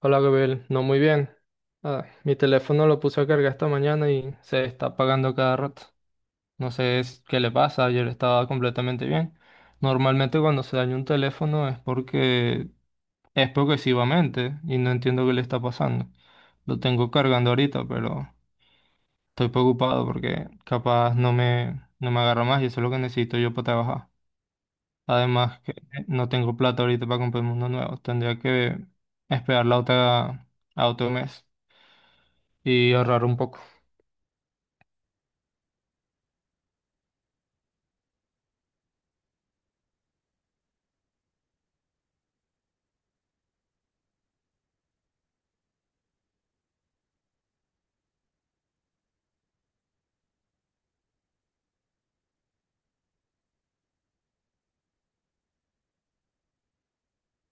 Hola Gabriel, no muy bien. Mi teléfono lo puse a cargar esta mañana y se está apagando cada rato. No sé qué le pasa, ayer estaba completamente bien. Normalmente cuando se daña un teléfono es porque es progresivamente y no entiendo qué le está pasando. Lo tengo cargando ahorita, pero estoy preocupado porque capaz no me agarra más y eso es lo que necesito yo para trabajar. Además que no tengo plata ahorita para comprarme uno nuevo, tendría que esperar la otra a otro mes y ahorrar un poco.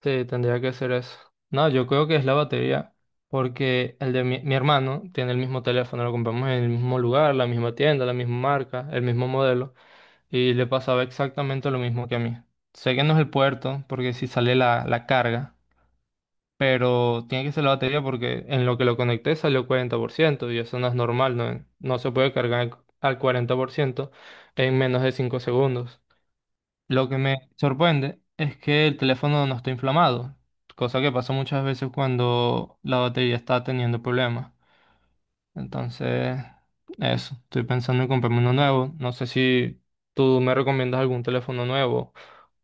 Sí, tendría que ser eso. No, yo creo que es la batería, porque el de mi hermano tiene el mismo teléfono, lo compramos en el mismo lugar, la misma tienda, la misma marca, el mismo modelo, y le pasaba exactamente lo mismo que a mí. Sé que no es el puerto, porque si sale la carga, pero tiene que ser la batería porque en lo que lo conecté salió 40%, y eso no es normal, no, no se puede cargar al 40% en menos de 5 segundos. Lo que me sorprende es que el teléfono no está inflamado, cosa que pasa muchas veces cuando la batería está teniendo problemas. Entonces, eso, estoy pensando en comprarme uno nuevo. No sé si tú me recomiendas algún teléfono nuevo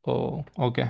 o qué.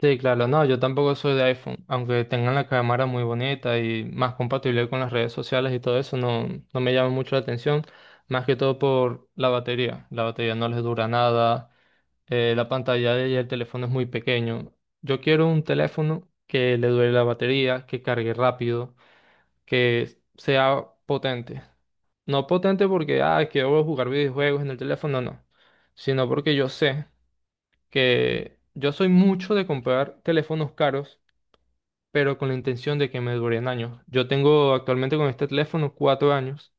Sí, claro, no, yo tampoco soy de iPhone, aunque tengan la cámara muy bonita y más compatible con las redes sociales y todo eso, no, no me llama mucho la atención, más que todo por la batería. La batería no les dura nada. La y el teléfono es muy pequeño. Yo quiero un teléfono que le dure la batería, que cargue rápido, que sea potente. No potente porque, quiero jugar videojuegos en el teléfono, no. Sino porque yo sé que yo soy mucho de comprar teléfonos caros, pero con la intención de que me duren años. Yo tengo actualmente con este teléfono 4 años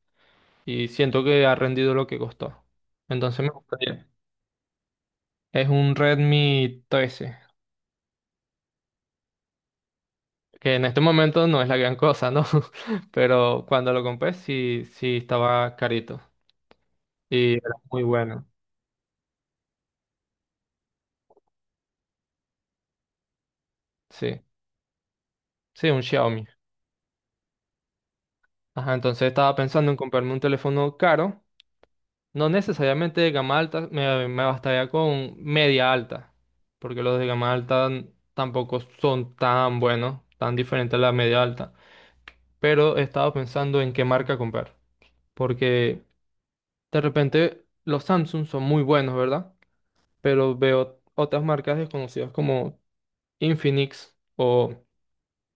y siento que ha rendido lo que costó. Entonces me gustaría. Es un Redmi 13, que en este momento no es la gran cosa, ¿no? Pero cuando lo compré sí, sí estaba carito y era muy bueno, sí, sí, un Xiaomi. Ajá, entonces estaba pensando en comprarme un teléfono caro, no necesariamente de gama alta, me bastaría con media alta, porque los de gama alta tampoco son tan buenos, tan diferentes a la media alta, pero estaba pensando en qué marca comprar, porque de repente los Samsung son muy buenos, ¿verdad? Pero veo otras marcas desconocidas como Infinix o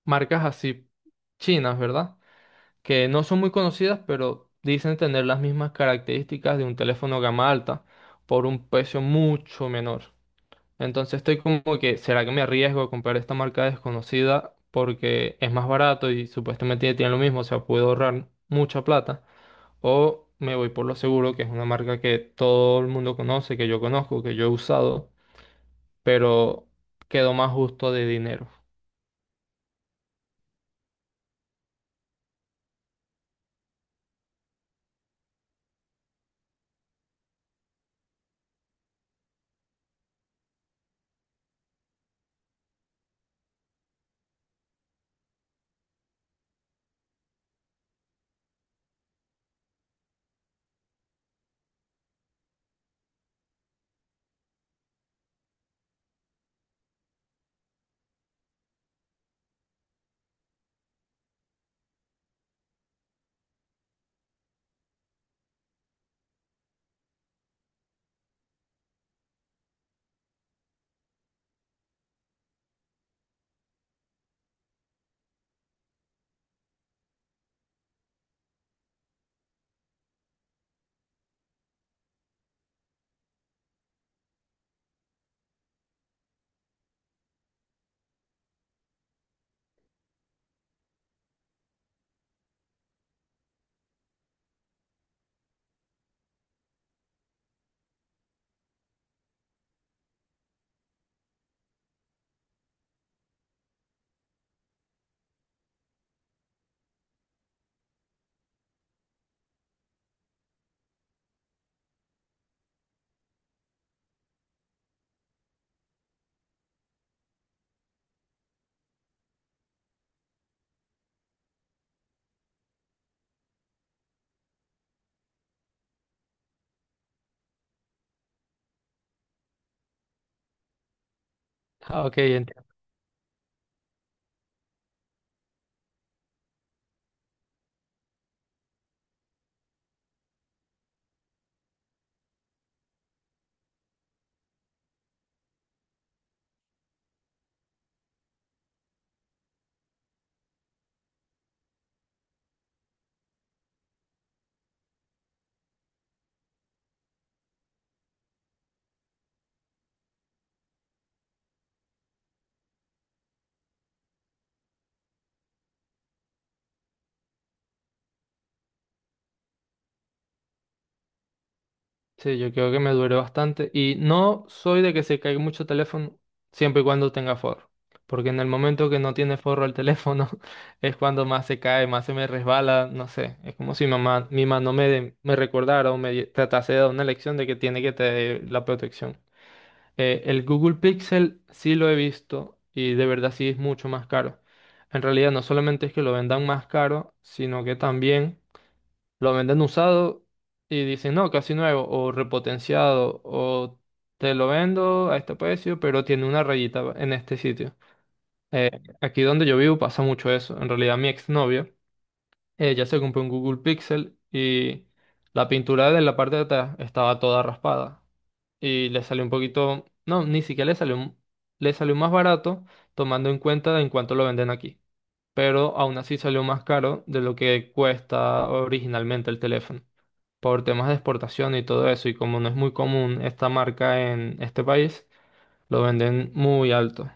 marcas así chinas, ¿verdad? Que no son muy conocidas, pero dicen tener las mismas características de un teléfono gama alta por un precio mucho menor. Entonces estoy como que, ¿será que me arriesgo a comprar esta marca desconocida porque es más barato y supuestamente tiene lo mismo, o sea, puedo ahorrar mucha plata? ¿O me voy por lo seguro, que es una marca que todo el mundo conoce, que yo conozco, que yo he usado? Pero quedó más justo de dinero. Ah, ok, entiendo. Sí, yo creo que me duró bastante. Y no soy de que se caiga mucho teléfono siempre y cuando tenga forro. Porque en el momento que no tiene forro el teléfono, es cuando más se cae, más se me resbala, no sé. Es como si mamá, mi mano me recordara o tratase de dar una lección de que tiene que tener la protección. El Google Pixel sí lo he visto y de verdad sí es mucho más caro. En realidad no solamente es que lo vendan más caro, sino que también… Lo venden usado y dicen, no, casi nuevo, o repotenciado, o te lo vendo a este precio, pero tiene una rayita en este sitio. Eh, Aquí donde yo vivo pasa mucho eso. En realidad, mi exnovia, ella se compró un Google Pixel y la pintura de la parte de atrás estaba toda raspada. Y le salió un poquito, no, ni siquiera le salió, le salió más barato, tomando en cuenta en cuánto lo venden aquí. Pero aún así salió más caro de lo que cuesta originalmente el teléfono por temas de exportación y todo eso, y como no es muy común esta marca en este país, lo venden muy alto.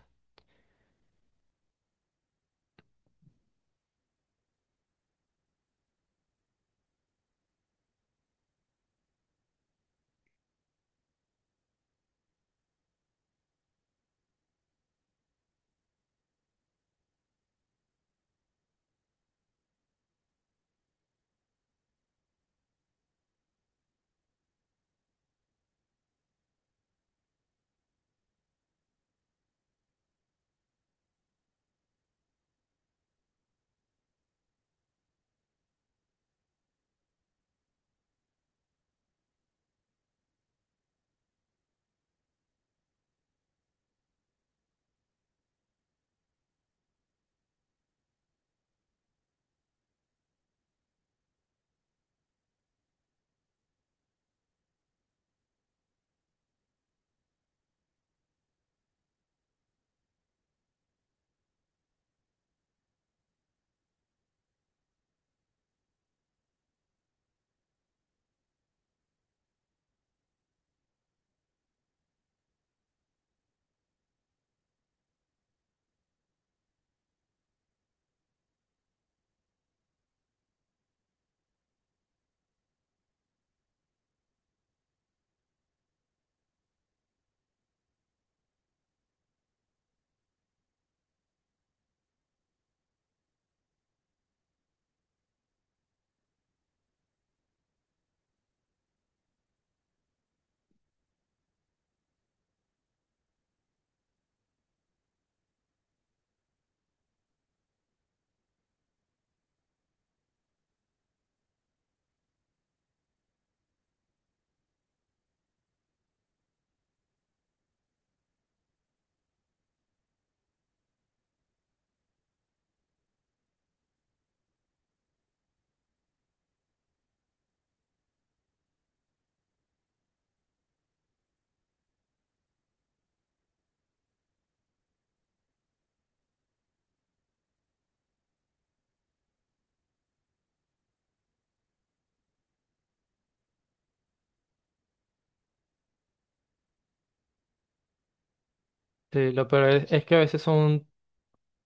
Sí, lo peor es que a veces son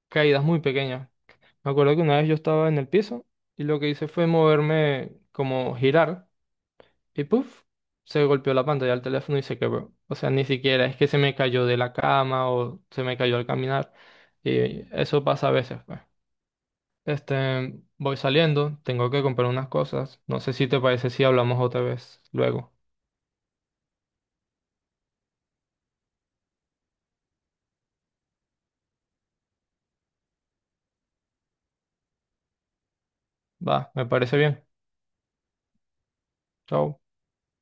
caídas muy pequeñas. Me acuerdo que una vez yo estaba en el piso y lo que hice fue moverme, como girar, y puff, se golpeó la pantalla del teléfono y se quebró. O sea, ni siquiera es que se me cayó de la cama o se me cayó al caminar. Y eso pasa a veces, pues. Este, voy saliendo, tengo que comprar unas cosas. No sé si te parece si hablamos otra vez luego. Va, me parece bien. Chao.